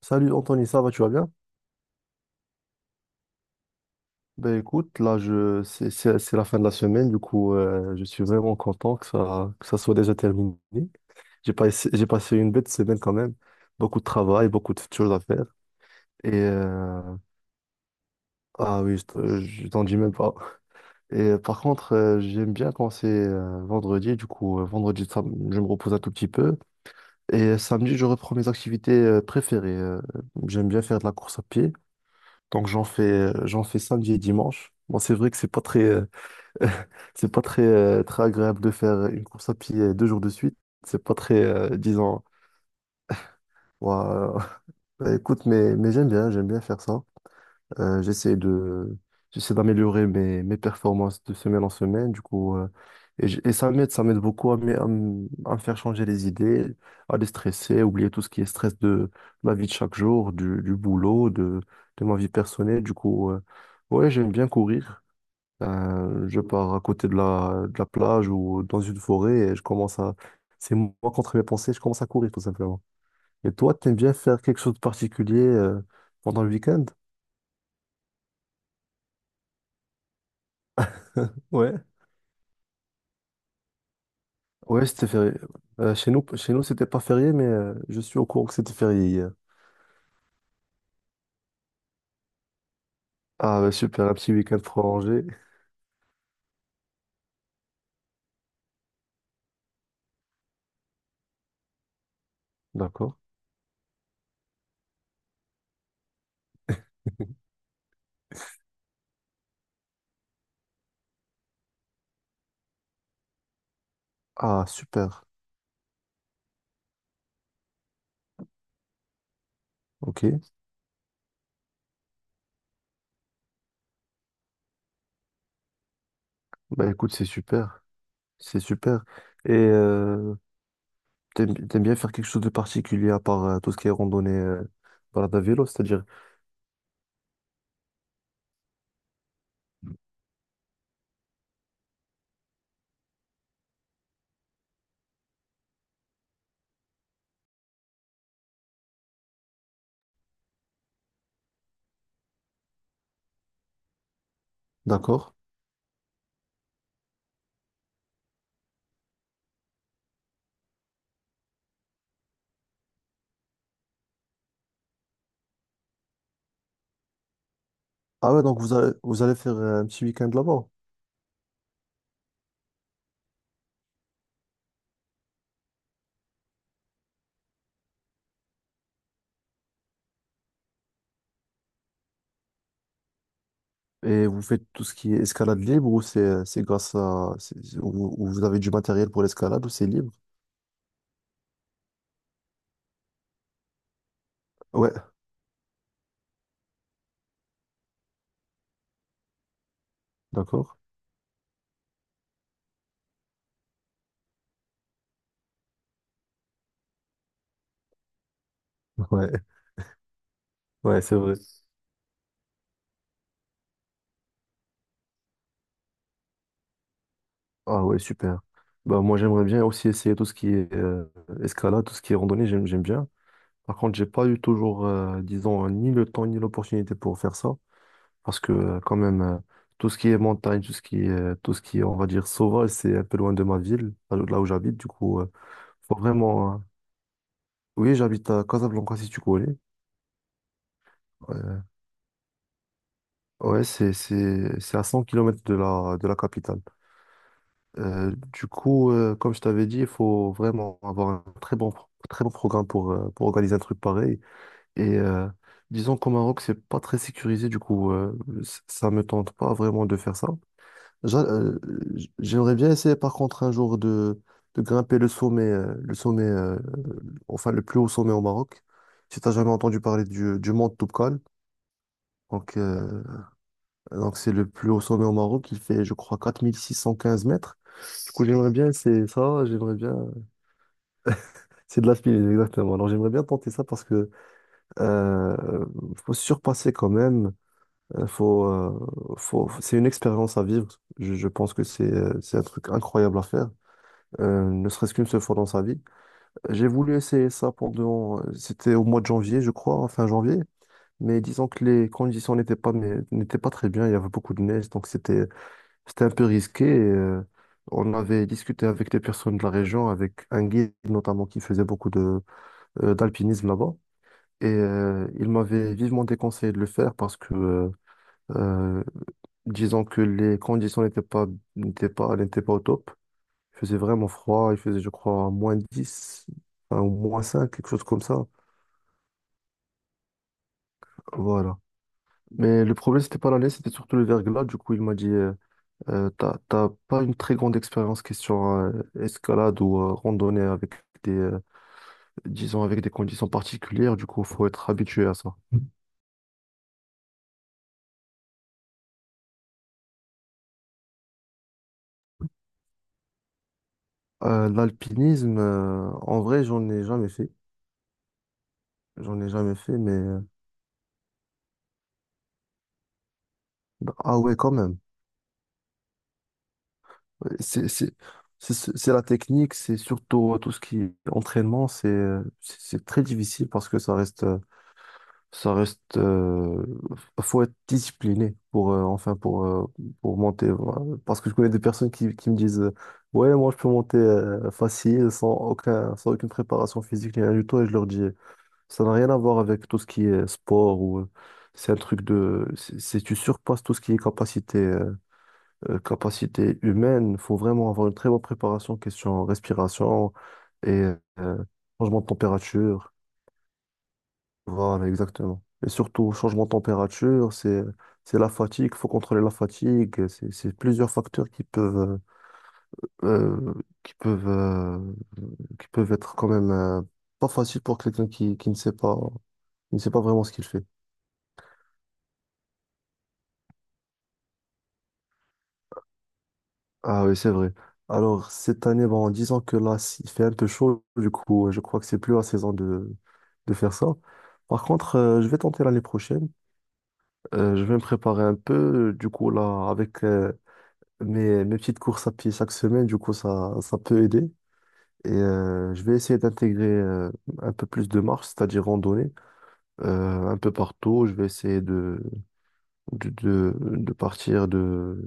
Salut Anthony, ça va, tu vas bien? Ben écoute, là c'est la fin de la semaine, du coup je suis vraiment content que ça soit déjà terminé. J'ai pas essa- J'ai passé une bête semaine quand même, beaucoup de travail, beaucoup de choses à faire et ah oui, je t'en dis même pas. Et par contre, j'aime bien quand c'est vendredi, du coup vendredi je me repose un tout petit peu et samedi je reprends mes activités préférées. J'aime bien faire de la course à pied. Donc j'en fais samedi et dimanche. Bon, c'est vrai que c'est pas très, c'est pas très, très agréable de faire une course à pied, deux jours de suite. C'est pas très, disons. Ouah, bah, écoute, mais j'aime bien faire ça. Euh, j'essaie de, j'essaie d'améliorer mes performances de semaine en semaine, du coup, et, ça m'aide beaucoup à, me faire changer les idées, à déstresser, à oublier tout ce qui est stress de ma vie de chaque jour, du boulot, de ma vie personnelle, du coup, ouais, j'aime bien courir. Je pars à côté de la plage ou dans une forêt et je commence à, c'est moi contre mes pensées, je commence à courir tout simplement. Et toi, t'aimes bien faire quelque chose de particulier, pendant le week-end? Ouais, ouais, c'était férié. Chez nous, c'était pas férié, mais je suis au courant que c'était férié hier. Ah, bah, super, un petit week-end prolongé. D'accord. Ah, super. Ok. Bah écoute, c'est super. C'est super. Et t'aimes bien faire quelque chose de particulier à part tout ce qui est randonnée, balade à vélo, c'est-à-dire. D'accord. Ah ouais, donc vous allez faire un petit week-end là-bas. Et vous faites tout ce qui est escalade libre ou c'est grâce à. Ou vous avez du matériel pour l'escalade ou c'est libre? Ouais, d'accord. Ouais. Ouais, c'est vrai. Ah ouais, super. Bah, moi, j'aimerais bien aussi essayer tout ce qui est escalade, tout ce qui est randonnée, j'aime bien. Par contre, j'ai pas eu toujours, disons, ni le temps ni l'opportunité pour faire ça. Parce que, quand même, tout ce qui est montagne, tout ce qui est, tout ce qui est, on va dire, sauvage, c'est un peu loin de ma ville, là où j'habite. Du coup, faut vraiment. Oui, j'habite à Casablanca, si tu connais. Euh, ouais, c'est à 100 kilomètres de la, capitale. Du coup, comme je t'avais dit, il faut vraiment avoir un très bon programme pour organiser un truc pareil. Et disons qu'au Maroc, c'est pas très sécurisé, du coup, ça me tente pas vraiment de faire ça. J'a- euh, J'aimerais bien essayer, par contre, un jour de, grimper le sommet, enfin, le plus haut sommet au Maroc. Si t'as jamais entendu parler du mont Toubkal, donc euh, donc, c'est le plus haut sommet au Maroc. Il fait, je crois, 4615 mètres. Du coup, j'aimerais bien essayer ça. J'aimerais bien. C'est de l'alpinisme, exactement. Alors, j'aimerais bien tenter ça parce que euh, faut se surpasser quand même. Faut. C'est une expérience à vivre. Je pense que c'est un truc incroyable à faire, ne serait-ce qu'une seule fois dans sa vie. J'ai voulu essayer ça pendant. C'était au mois de janvier, je crois, fin janvier. Mais disons que les conditions n'étaient pas très bien. Il y avait beaucoup de neige, donc c'était un peu risqué. On avait discuté avec des personnes de la région, avec un guide notamment qui faisait beaucoup de d'alpinisme là-bas. Et il m'avait vivement déconseillé de le faire parce que, euh, disons que les conditions n'étaient pas au top. Il faisait vraiment froid. Il faisait, je crois, -10, enfin, ou -5, quelque chose comme ça. Voilà. Mais le problème, c'était pas la neige, c'était surtout le verglas. Du coup, il m'a dit, t'as pas une très grande expérience question escalade ou randonnée avec des, euh, disons avec des conditions particulières, du coup, faut être habitué à ça. L'alpinisme, en vrai, j'en ai jamais fait. J'en ai jamais fait, mais bah, ah ouais, quand même. Ouais, C'est la technique, c'est surtout tout ce qui est entraînement, c'est très difficile parce que ça reste. Ça reste, faut être discipliné pour, enfin, pour monter. Voilà. Parce que je connais des personnes qui me disent, ouais, moi, je peux monter, facile, sans aucune préparation physique, ni rien du tout. Et je leur dis, ça n'a rien à voir avec tout ce qui est sport ou, c'est un truc de, tu surpasses tout ce qui est capacité humaine. Faut vraiment avoir une très bonne préparation, question respiration et, euh, changement de température. Voilà, exactement. Et surtout, changement de température, c'est la fatigue, faut contrôler la fatigue, c'est plusieurs facteurs euh, qui peuvent, euh, qui peuvent être quand même, pas faciles pour quelqu'un qui ne sait pas, qui ne sait pas, vraiment ce qu'il fait. Ah oui, c'est vrai. Alors, cette année, bon, en disant que là, il fait un peu chaud, du coup, je crois que c'est plus la saison de faire ça. Par contre, je vais tenter l'année prochaine. Je vais me préparer un peu, du coup, là, avec, mes petites courses à pied chaque semaine, du coup, ça peut aider. Et je vais essayer d'intégrer un peu plus de marche, c'est-à-dire randonnée, un peu partout. Je vais essayer de, partir, de,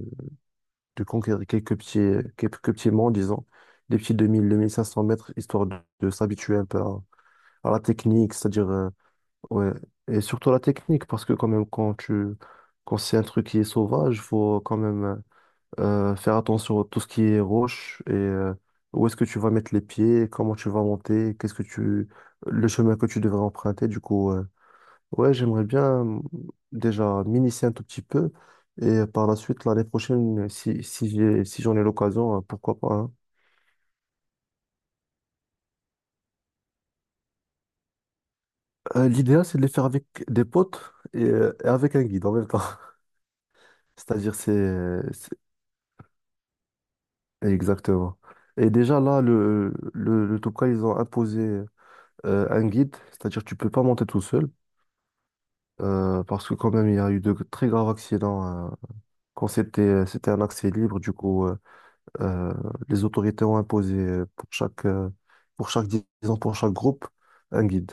de conquérir quelques petits monts, disons, des petits 2000, 2500 mètres, histoire de, s'habituer un peu à la technique, c'est-à-dire, ouais, et surtout la technique, parce que quand même, quand c'est un truc qui est sauvage, faut quand même. Faire attention à tout ce qui est roche et, où est-ce que tu vas mettre les pieds, comment tu vas monter, qu'est-ce que tu, le chemin que tu devrais emprunter. Du coup, ouais, j'aimerais bien, déjà m'initier un tout petit peu et par la suite, l'année prochaine, si j'en ai l'occasion, pourquoi pas, hein. L'idéal, c'est de les faire avec des potes et avec un guide en même temps. C'est-à-dire, exactement. Et déjà là, le Toubkal, ils ont imposé un guide, c'est-à-dire tu peux pas monter tout seul. Parce que quand même, il y a eu de très graves accidents, quand c'était un accès libre. Du coup, euh, les autorités ont imposé, pour chaque disons pour chaque groupe, un guide.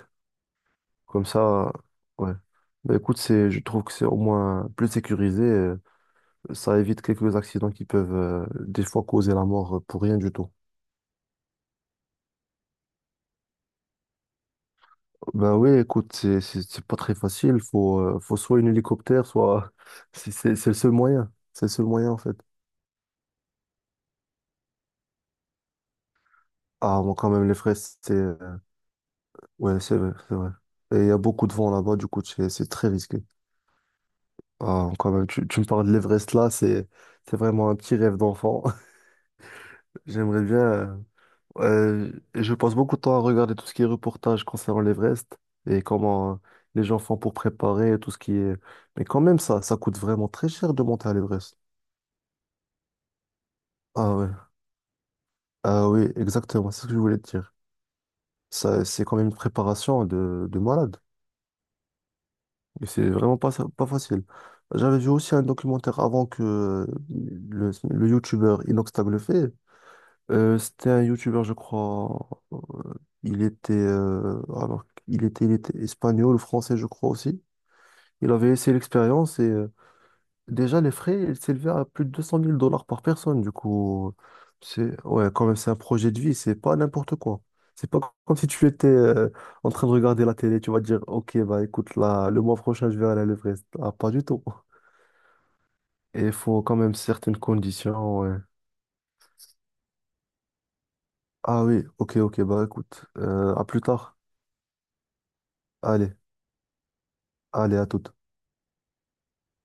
Comme ça, ouais. Bah, écoute, c'est je trouve que c'est au moins plus sécurisé. Ça évite quelques accidents qui peuvent, des fois causer la mort, pour rien du tout. Ben oui, écoute, c'est pas très facile. Faut soit un hélicoptère, soit c'est le seul moyen. C'est le seul moyen en fait. Ah, bon, quand même, les fraises, c'est... Ouais, c'est vrai, c'est vrai. Et il y a beaucoup de vent là-bas, du coup, c'est très risqué. Ah, quand même, tu me parles de l'Everest là, c'est vraiment un petit rêve d'enfant. J'aimerais bien... je passe beaucoup de temps à regarder tout ce qui est reportage concernant l'Everest et comment, les gens font pour préparer tout ce qui est... Mais quand même, ça coûte vraiment très cher de monter à l'Everest. Ah ouais, ah oui, exactement, c'est ce que je voulais te dire. Ça, c'est quand même une préparation de, malade. Mais c'est vraiment pas, pas facile. J'avais vu aussi un documentaire avant que le youtubeur Inoxtag le fait. C'était un youtubeur, je crois. euh, il était, alors, il était espagnol, français, je crois aussi. Il avait essayé l'expérience et, déjà, les frais, ils s'élevaient à plus de 200 000 dollars par personne. Du coup, c'est ouais, quand même, c'est un projet de vie, c'est pas n'importe quoi. C'est pas comme si tu étais, en train de regarder la télé, tu vas te dire, OK, bah écoute, là, le mois prochain, je vais aller à l'Everest. Ah, pas du tout. Et il faut quand même certaines conditions. Ouais. Ah oui, OK, OK, bah écoute, à plus tard. Allez, allez, à toute.